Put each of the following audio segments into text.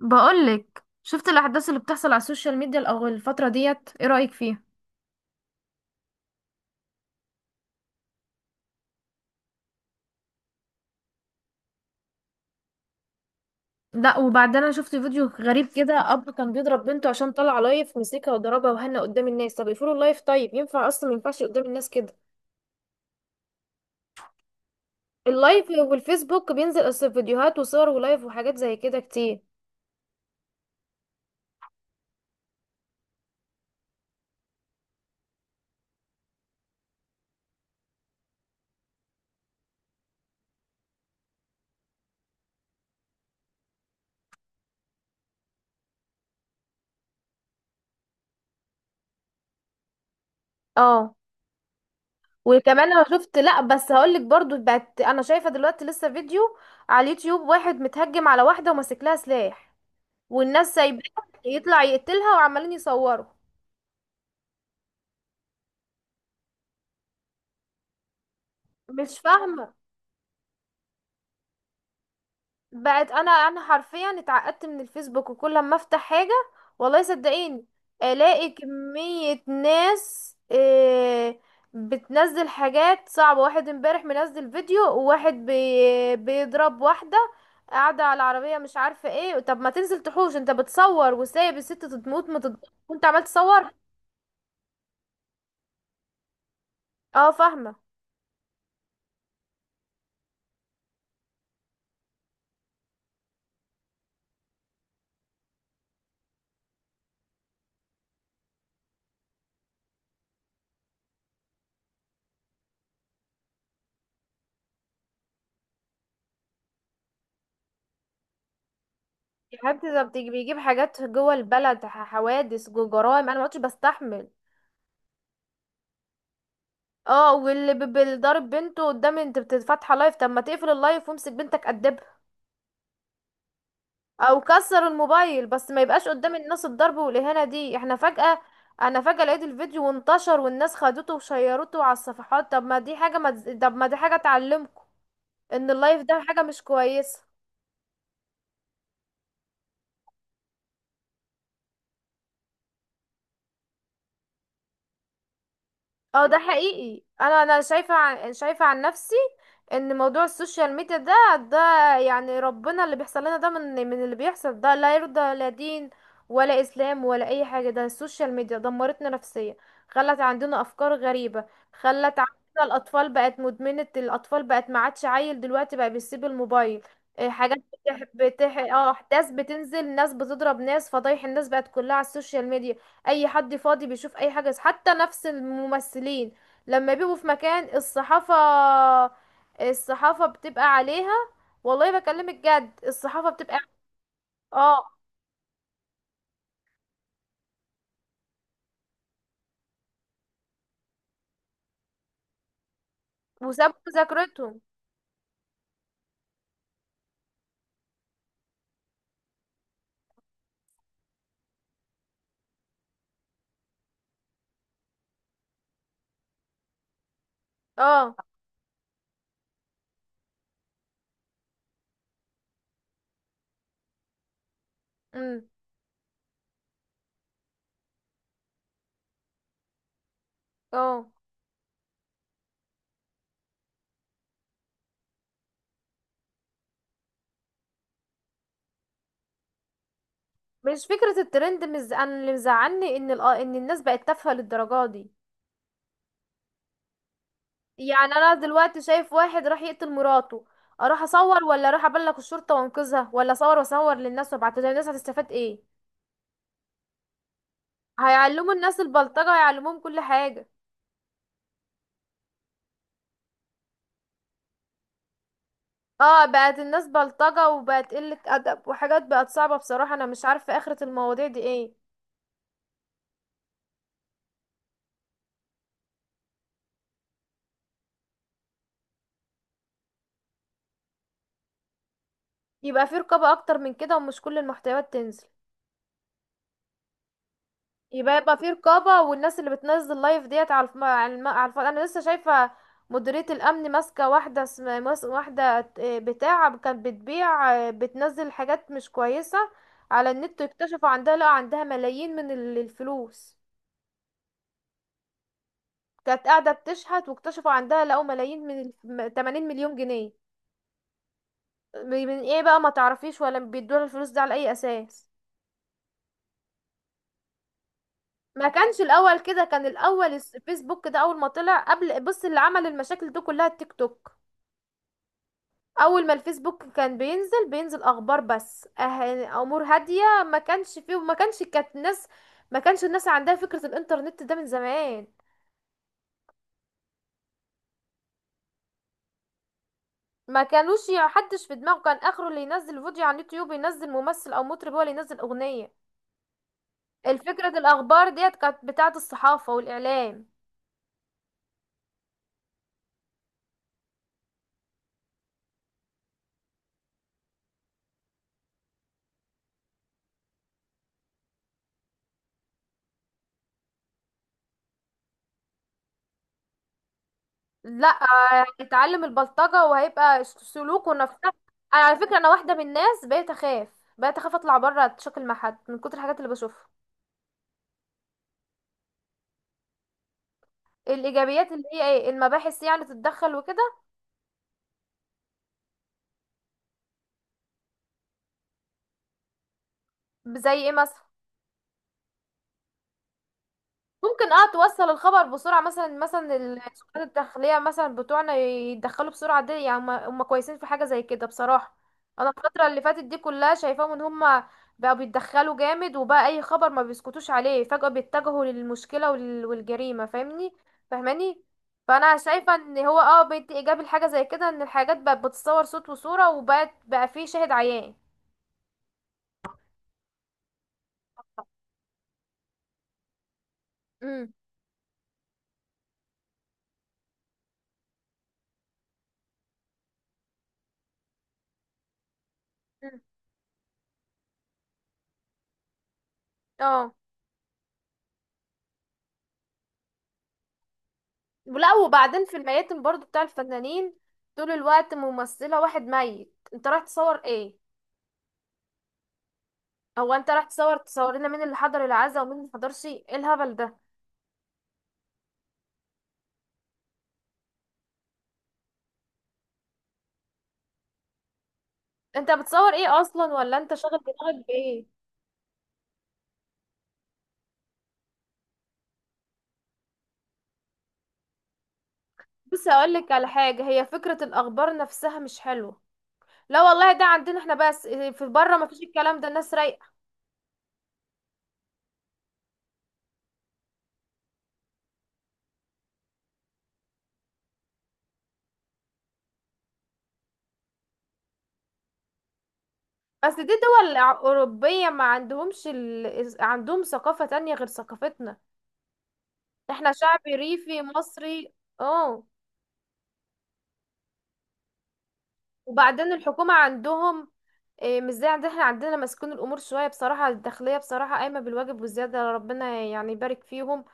بقولك شفت الاحداث اللي بتحصل على السوشيال ميديا الاول الفتره ديت ايه رايك فيها؟ لا، وبعدين انا شفت فيديو غريب كده. اب كان بيضرب بنته عشان طلع لايف، مسكها وضربها وهنا قدام الناس. طب يقفلوا اللايف؟ طيب ينفع اصلا؟ ما ينفعش قدام الناس كده. اللايف والفيسبوك بينزل اصل، فيديوهات وصور ولايف وحاجات زي كده كتير. اه، وكمان انا شفت، لا بس هقولك برضو، بقت انا شايفه دلوقتي لسه فيديو على اليوتيوب، واحد متهجم على واحده وماسك لها سلاح والناس سايباه يطلع يقتلها وعمالين يصوروا. مش فاهمة. بقت انا حرفيا اتعقدت من الفيسبوك. وكل ما افتح حاجة، والله صدقيني، الاقي كمية ناس بتنزل حاجات صعبة. واحد امبارح منزل فيديو، وواحد بيضرب واحدة قاعدة على العربية، مش عارفة ايه. طب ما تنزل تحوش؟ انت بتصور وسايب الست تموت، ما تض- وانت عمال تصور. اه، فاهمة. يا حبيبتي ده بيجيب حاجات جوه البلد، حوادث جوه، جرائم. انا ما عدتش بستحمل. اه، واللي بيضرب بنته قدام، انت فاتحه لايف، طب ما تقفل اللايف وامسك بنتك قدبها، او كسر الموبايل. بس ما يبقاش قدام الناس الضرب والاهانه دي. احنا فجاه انا فجاه لقيت الفيديو وانتشر والناس خدته وشيرته على الصفحات. طب ما دي حاجه تعلمكم ان اللايف ده حاجه مش كويسه. اه، ده حقيقي. انا شايفه عن نفسي ان موضوع السوشيال ميديا ده، يعني ربنا، اللي بيحصل لنا ده، من اللي بيحصل ده لا يرضى لا دين ولا اسلام ولا اي حاجه. ده السوشيال ميديا دمرتنا نفسيا، خلت عندنا افكار غريبه، خلت عندنا الاطفال بقت مدمنه، الاطفال بقت ما عادش عيل دلوقتي بقى بيسيب الموبايل. حاجات بتح... بتح... اه احداث بتنزل، ناس بتضرب ناس، فضايح، الناس بقت كلها على السوشيال ميديا. اي حد فاضي بيشوف اي حاجة، حتى نفس الممثلين لما بيبقوا في مكان، الصحافة، الصحافة بتبقى عليها. والله بكلمك جد، الصحافة بتبقى. اه، وسابوا مذاكرتهم. اه. امم. اه. مش فكرة الترند، أنا اللي مزعلني ان ال... آه، ان الناس بقت تافهة للدرجة دي. يعني انا دلوقتي شايف واحد راح يقتل مراته، اروح اصور ولا اروح ابلغ الشرطة وانقذها؟ ولا اصور واصور للناس وابعتها للناس، هتستفاد ايه؟ هيعلموا الناس البلطجة، هيعلموهم كل حاجة. اه، بقت الناس بلطجة وبقت قلة أدب وحاجات بقت صعبة. بصراحة أنا مش عارفة آخرة المواضيع دي ايه. يبقى في رقابة أكتر من كده ومش كل المحتويات تنزل. يبقى في رقابة، والناس اللي بتنزل لايف ديت على الف... على, الم... على الف... أنا لسه شايفة مديرية الأمن ماسكة واحدة، واحدة بتاع كانت بتبيع، بتنزل حاجات مش كويسة على النت، واكتشفوا عندها، لا عندها ملايين من الفلوس. كانت قاعدة بتشحت، واكتشفوا عندها، لقوا ملايين 80 مليون جنيه. من ايه بقى؟ ما تعرفيش ولا بيدوها الفلوس دي على اي اساس. ما كانش الاول كده، كان الاول الفيسبوك ده اول ما طلع، قبل، بص، اللي عمل المشاكل دي كلها التيك توك. اول ما الفيسبوك كان بينزل اخبار بس، امور هادية. ما كانش فيه، وما كانش كانت الناس، ما كانش الناس عندها فكرة الانترنت ده من زمان. ما كانوش حدش في دماغه كان اخره اللي ينزل فيديو على اليوتيوب ينزل ممثل او مطرب، هو اللي ينزل اغنية. الفكرة الأخبار ديت كانت بتاعة الصحافة والإعلام. لا. هيتعلم البلطجة وهيبقى سلوكه نفسه. أنا على فكرة أنا واحدة من الناس بقيت أخاف أطلع بره أتشكل مع حد من كتر الحاجات اللي بشوفها. الإيجابيات اللي هي إيه؟ المباحث يعني تتدخل وكده؟ زي إيه مثلا؟ ممكن توصل الخبر بسرعة مثلا، مثلا السلطات الداخلية مثلا بتوعنا يتدخلوا بسرعة دي، يعني هم كويسين في حاجة زي كده بصراحة. انا الفترة اللي فاتت دي كلها شايفاهم ان هم بقوا بيتدخلوا جامد، وبقى اي خبر ما بيسكتوش عليه، فجأة بيتجهوا للمشكلة والجريمة. فاهمني؟ فاهماني؟ فانا شايفة ان هو اه بيدي ايجابي لحاجة زي كده، ان الحاجات بقت بتتصور صوت وصورة وبقت بقى فيه شاهد عيان. امم. مم. اه. ولا، وبعدين في الميتم برضو بتاع الفنانين، طول الوقت ممثلة واحد ميت، انت رايح تصور ايه؟ هو انت رايح تصور، تصور لنا مين اللي حضر العزاء ومين اللي حضرش؟ ايه الهبل ده؟ انت بتصور ايه اصلا؟ ولا انت شاغل دماغك بايه؟ بص هقولك على حاجة، هي فكرة الاخبار نفسها مش حلوة. لا والله، ده عندنا احنا بس. في بره ما فيش الكلام ده، الناس رايقة. بس دي دول اوروبية، ما عندهمش عندهم ثقافة تانية غير ثقافتنا. احنا شعب ريفي مصري. اه، وبعدين الحكومة عندهم مش زي عندنا. احنا عندنا مسكون الأمور شوية، بصراحة الداخلية بصراحة قايمة بالواجب والزيادة، ربنا يعني يبارك فيهم.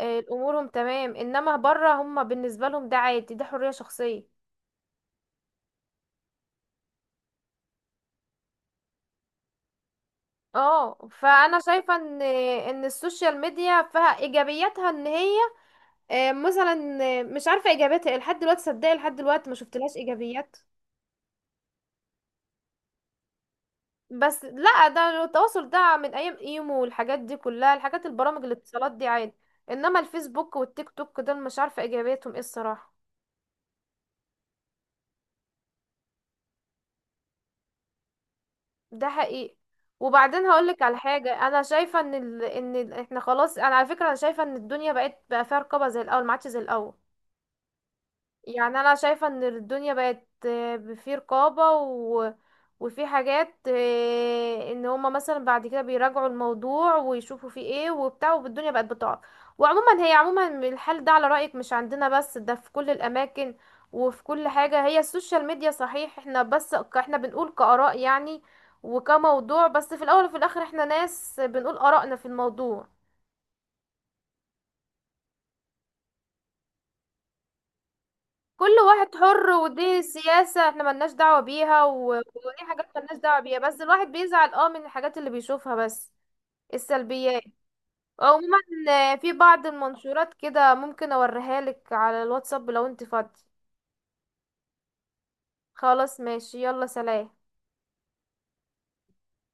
أمورهم تمام. إنما بره هم بالنسبة لهم ده عادي، ده حرية شخصية. اه، فانا شايفه ان السوشيال ميديا فيها ايجابياتها، ان هي مثلا مش عارفه ايجابياتها إيه. لحد دلوقتي صدقي لحد دلوقتي ما شفتلهاش ايجابيات. بس لا، ده التواصل ده من ايام ايمو والحاجات دي كلها، الحاجات البرامج الاتصالات دي عادي. انما الفيسبوك والتيك توك دول مش عارفه ايجابيتهم ايه الصراحه. ده حقيقي. وبعدين هقولك على حاجه انا شايفه احنا خلاص، انا على فكره انا شايفه ان الدنيا بقت بقى فيها رقابه، زي الاول ما عادش زي الاول. يعني انا شايفة ان الدنيا بقت في رقابة وفي حاجات ان هما مثلا بعد كده بيراجعوا الموضوع ويشوفوا فيه ايه وبتاع، والدنيا بقت بتقع. وعموما هي عموما الحل ده على رأيك مش عندنا بس، ده في كل الاماكن وفي كل حاجة، هي السوشيال ميديا صحيح. احنا بس احنا بنقول كآراء يعني، وكموضوع بس. في الاول وفي الاخر احنا ناس بنقول آرائنا في الموضوع، كل واحد حر، ودي سياسة احنا ملناش دعوة بيها، ودي حاجات ملناش دعوة بيها، بس الواحد بيزعل من الحاجات اللي بيشوفها بس. السلبيات عموما. في بعض المنشورات كده ممكن اوريها لك على الواتساب لو انت فاضي. خلاص ماشي، يلا، سلام.